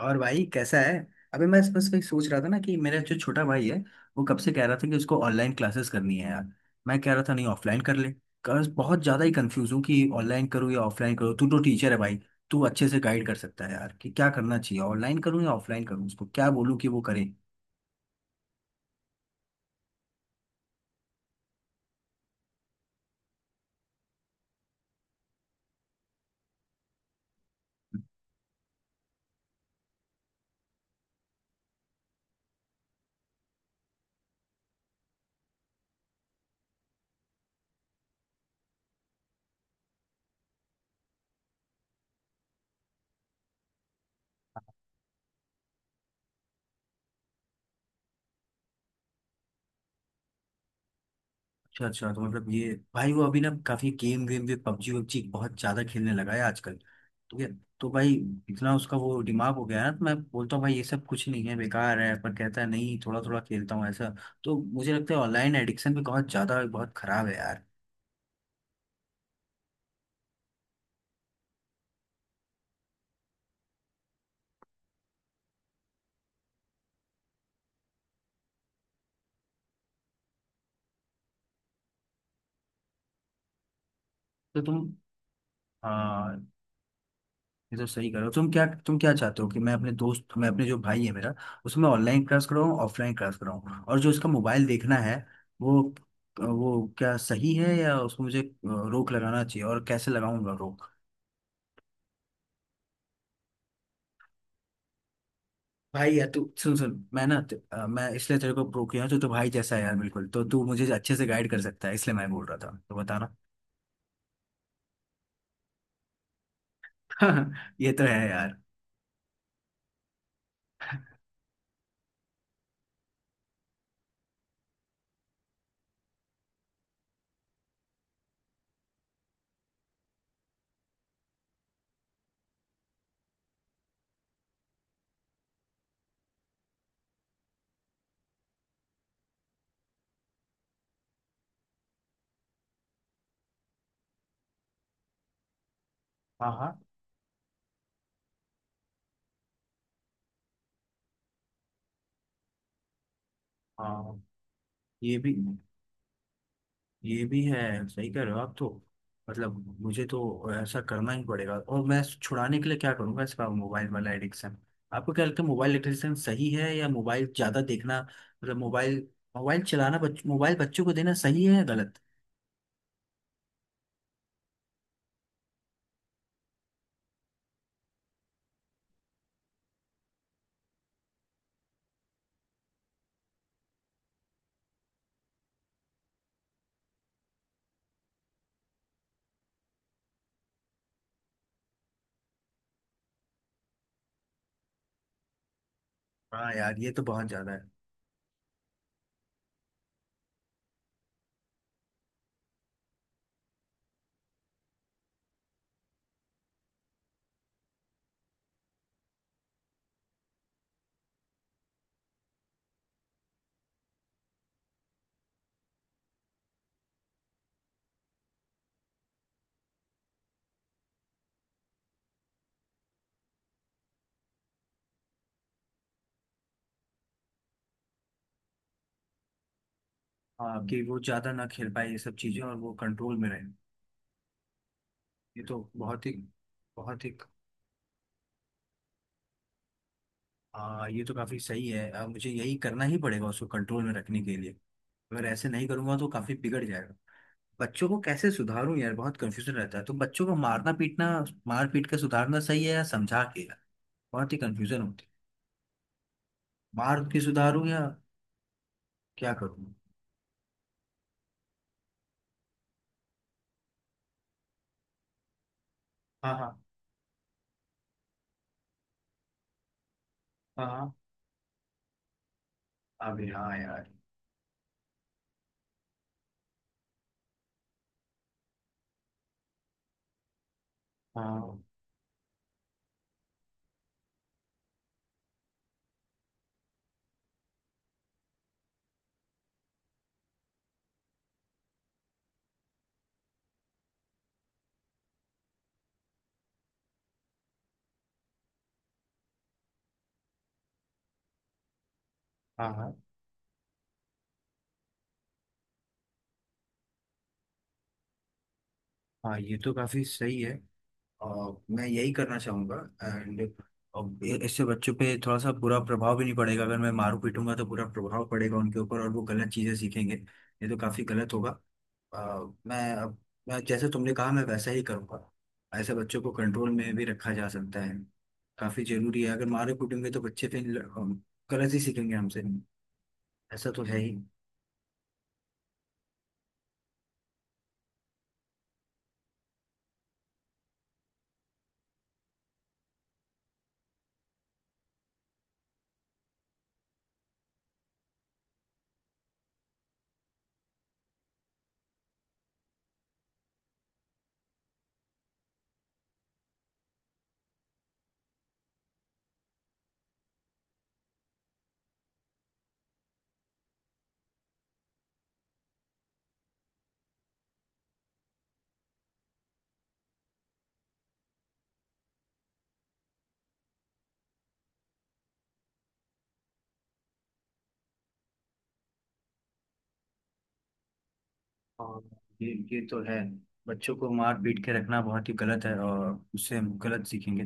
और भाई कैसा है। अभी मैं बस वही सोच रहा था ना कि मेरा जो छोटा भाई है वो कब से कह रहा था कि उसको ऑनलाइन क्लासेस करनी है यार। मैं कह रहा था नहीं ऑफलाइन कर ले। बस बहुत ज़्यादा ही कंफ्यूज हूँ कि ऑनलाइन करूँ या ऑफलाइन करूँ। तू तो टीचर है भाई, तू अच्छे से गाइड कर सकता है यार कि क्या करना चाहिए। ऑनलाइन करूँ या ऑफलाइन करूँ? उसको क्या बोलूँ कि वो करे। अच्छा अच्छा, तो मतलब ये भाई वो अभी ना काफी गेम वेम भी, पबजी वबजी बहुत ज्यादा खेलने लगा है आजकल, ठीक है। तो भाई इतना उसका वो दिमाग हो गया है ना, तो मैं बोलता हूँ भाई ये सब कुछ नहीं है, बेकार है, पर कहता है नहीं थोड़ा थोड़ा खेलता हूँ ऐसा। तो मुझे लगता है ऑनलाइन एडिक्शन भी बहुत ज्यादा, बहुत खराब है यार। तो तुम हाँ। ये तो सही करो। तुम क्या चाहते हो कि मैं अपने दोस्त मैं अपने जो भाई है मेरा, उसमें ऑनलाइन क्लास कराऊँ, ऑफलाइन क्लास कराऊँ, और जो उसका मोबाइल देखना है वो वो क्या सही है या उसको मुझे रोक लगाना चाहिए? और कैसे लगाऊंगा रोक? भाई यार तू सुन सुन, मैं ना मैं इसलिए तेरे को प्रो किया हूं, तू तो भाई जैसा है यार बिल्कुल, तो तू मुझे अच्छे से गाइड कर सकता है, इसलिए मैं बोल रहा था, तो बताना। ये तो है यार। हाँ। हाँ। हाँ, ये भी ये भी है, सही कह रहे हो आप तो। मतलब मुझे तो ऐसा करना ही पड़ेगा। और मैं छुड़ाने के लिए क्या करूंगा इसका मोबाइल वाला एडिक्शन? आपको क्या लगता है मोबाइल एडिक्शन सही है, या मोबाइल ज्यादा देखना, मतलब मोबाइल मोबाइल चलाना मोबाइल बच्चों को देना सही है या गलत? हाँ यार, ये तो बहुत ज्यादा है। हाँ, कि वो ज्यादा ना खेल पाए ये सब चीजें और वो कंट्रोल में रहे। ये तो बहुत ही। बहुत ही। हाँ, ये तो काफी सही है। अब मुझे यही करना ही पड़ेगा उसको कंट्रोल में रखने के लिए। अगर ऐसे नहीं करूंगा तो काफी बिगड़ जाएगा। बच्चों को कैसे सुधारूं यार, बहुत कंफ्यूजन रहता है। तो बच्चों को मारना पीटना, मार पीट के सुधारना सही है या समझा के यार? बहुत ही कंफ्यूजन होती है। मार के सुधारूं या क्या करूं? हाँ। हाँ। हाँ। हाँ। अबे हाँ यार। हाँ। हाँ। हाँ। हाँ, ये तो काफी सही है। और मैं यही करना चाहूंगा। एंड इससे बच्चों पे थोड़ा सा बुरा प्रभाव भी नहीं पड़ेगा। अगर मैं मारू पीटूंगा तो बुरा प्रभाव पड़ेगा उनके ऊपर और वो गलत चीजें सीखेंगे, ये तो काफी गलत होगा। अ, मैं अब मैं जैसे तुमने कहा मैं वैसा ही करूँगा। ऐसे बच्चों को कंट्रोल में भी रखा जा सकता है, काफी जरूरी है। अगर मारे कूटेंगे तो बच्चे फिर गलत ही सीखेंगे हमसे, ऐसा तो है ही। और ये तो है, बच्चों को मार पीट के रखना बहुत ही गलत है और उससे हम गलत सीखेंगे।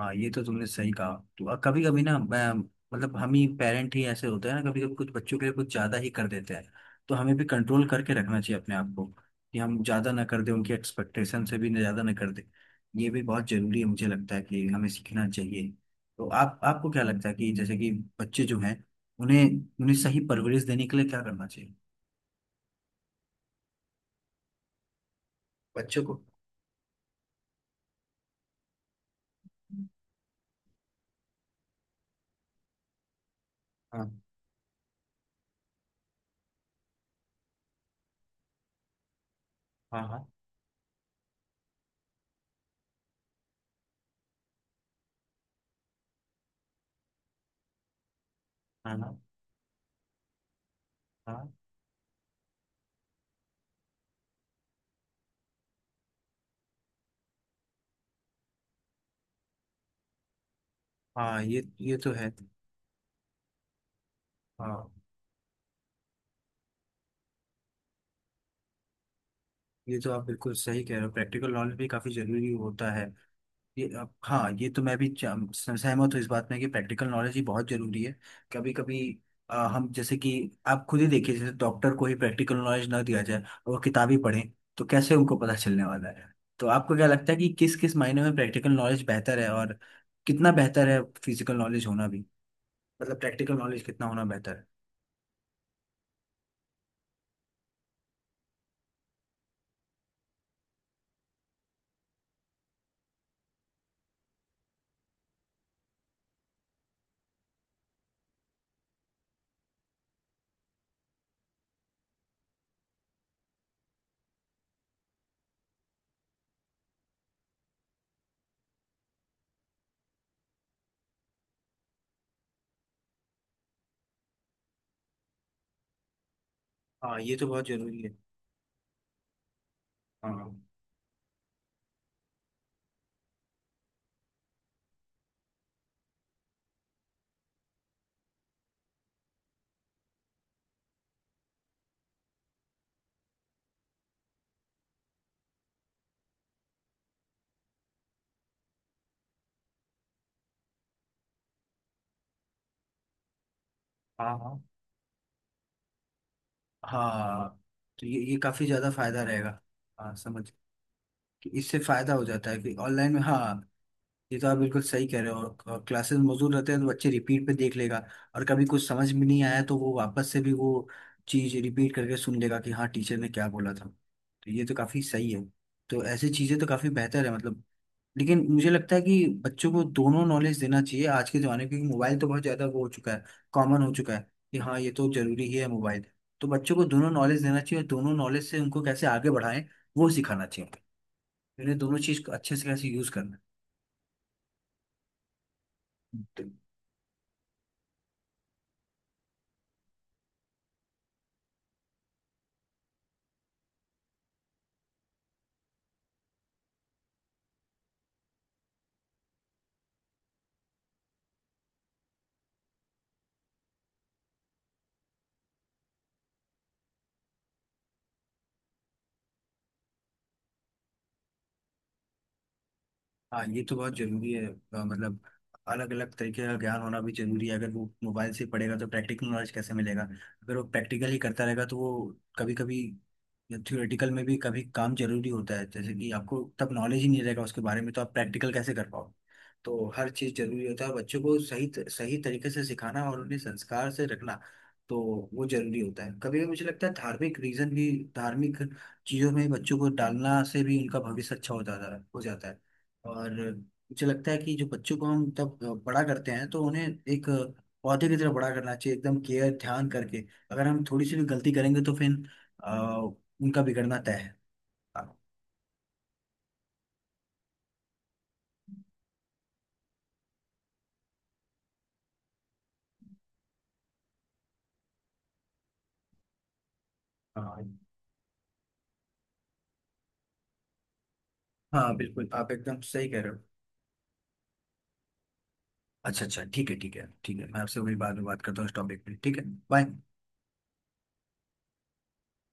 हाँ ये तो तुमने सही कहा। तो कभी कभी ना मैं, मतलब हम ही पेरेंट ही ऐसे होते हैं ना, कभी कभी कुछ बच्चों के लिए कुछ ज़्यादा ही कर देते हैं। तो हमें भी कंट्रोल करके रखना चाहिए अपने आप को कि हम ज़्यादा ना कर दें, उनकी एक्सपेक्टेशन से भी ज़्यादा ना कर दें। ये भी बहुत ज़रूरी है, मुझे लगता है कि हमें सीखना चाहिए। तो आप आपको क्या लगता है कि जैसे कि बच्चे जो हैं उन्हें उन्हें सही परवरिश देने के लिए क्या करना चाहिए बच्चों को? हाँ। हाँ। हाँ। हाँ। हाँ। हाँ। हाँ, ये तो है। हाँ, ये तो आप बिल्कुल सही कह रहे हो, प्रैक्टिकल नॉलेज भी काफ़ी ज़रूरी होता है। ये अब हाँ, ये तो मैं भी सहमत हूँ इस बात में कि प्रैक्टिकल नॉलेज ही बहुत ज़रूरी है। कभी कभी हम जैसे कि, आप खुद ही देखिए जैसे डॉक्टर को ही प्रैक्टिकल नॉलेज ना दिया जाए और वो किताबी पढ़ें तो कैसे उनको पता चलने वाला है? तो आपको क्या लगता है कि किस किस मायने में प्रैक्टिकल नॉलेज बेहतर है, और कितना बेहतर है फिजिकल नॉलेज होना भी, मतलब प्रैक्टिकल नॉलेज कितना होना बेहतर है? हाँ ये तो बहुत ज़रूरी है। हाँ। हाँ। हाँ। हाँ, तो ये काफी ज्यादा फायदा रहेगा। हाँ समझ कि इससे फायदा हो जाता है कि ऑनलाइन में, हाँ, ये तो आप बिल्कुल सही कह रहे हो। क्लासेस मौजूद रहते हैं तो बच्चे रिपीट पे देख लेगा, और कभी कुछ समझ में नहीं आया तो वो वापस से भी वो चीज रिपीट करके सुन लेगा कि हाँ टीचर ने क्या बोला था, तो ये तो काफी सही है। तो ऐसी चीजें तो काफी बेहतर है मतलब। लेकिन मुझे लगता है कि बच्चों को दोनों नॉलेज देना चाहिए आज के ज़माने में, क्योंकि मोबाइल तो बहुत ज़्यादा वो हो चुका है, कॉमन हो चुका है, कि हाँ ये तो ज़रूरी ही है मोबाइल। तो बच्चों को दोनों नॉलेज देना चाहिए और दोनों नॉलेज से उनको कैसे आगे बढ़ाएं वो सिखाना चाहिए, उन्हें दोनों चीज़ को अच्छे से कैसे यूज़ करना है। तो हाँ ये तो बहुत ज़रूरी है। मतलब अलग अलग तरीके का ज्ञान होना भी जरूरी है। अगर वो मोबाइल से पढ़ेगा तो प्रैक्टिकल नॉलेज कैसे मिलेगा? अगर वो प्रैक्टिकल ही करता रहेगा तो वो, कभी कभी या थ्योरेटिकल में भी कभी काम जरूरी होता है, जैसे कि आपको तब नॉलेज ही नहीं रहेगा उसके बारे में तो आप प्रैक्टिकल कैसे कर पाओ? तो हर चीज़ जरूरी होता है, बच्चों को सही सही तरीके से सिखाना और उन्हें संस्कार से रखना, तो वो जरूरी होता है। कभी कभी मुझे लगता है धार्मिक रीजन भी धार्मिक चीज़ों में बच्चों को डालना से भी उनका भविष्य अच्छा हो जाता है, हो जाता है। और मुझे लगता है कि जो बच्चों को हम तब बड़ा करते हैं तो उन्हें एक पौधे की तरह बड़ा करना चाहिए एकदम केयर ध्यान करके। अगर हम थोड़ी सी भी गलती करेंगे तो फिर उनका बिगड़ना तय है। हाँ। हाँ। हाँ, बिल्कुल आप एकदम सही कह रहे हो। अच्छा अच्छा, ठीक है ठीक है ठीक है, मैं आपसे वही बाद में बात करता हूँ इस टॉपिक पे, ठीक है। बाय।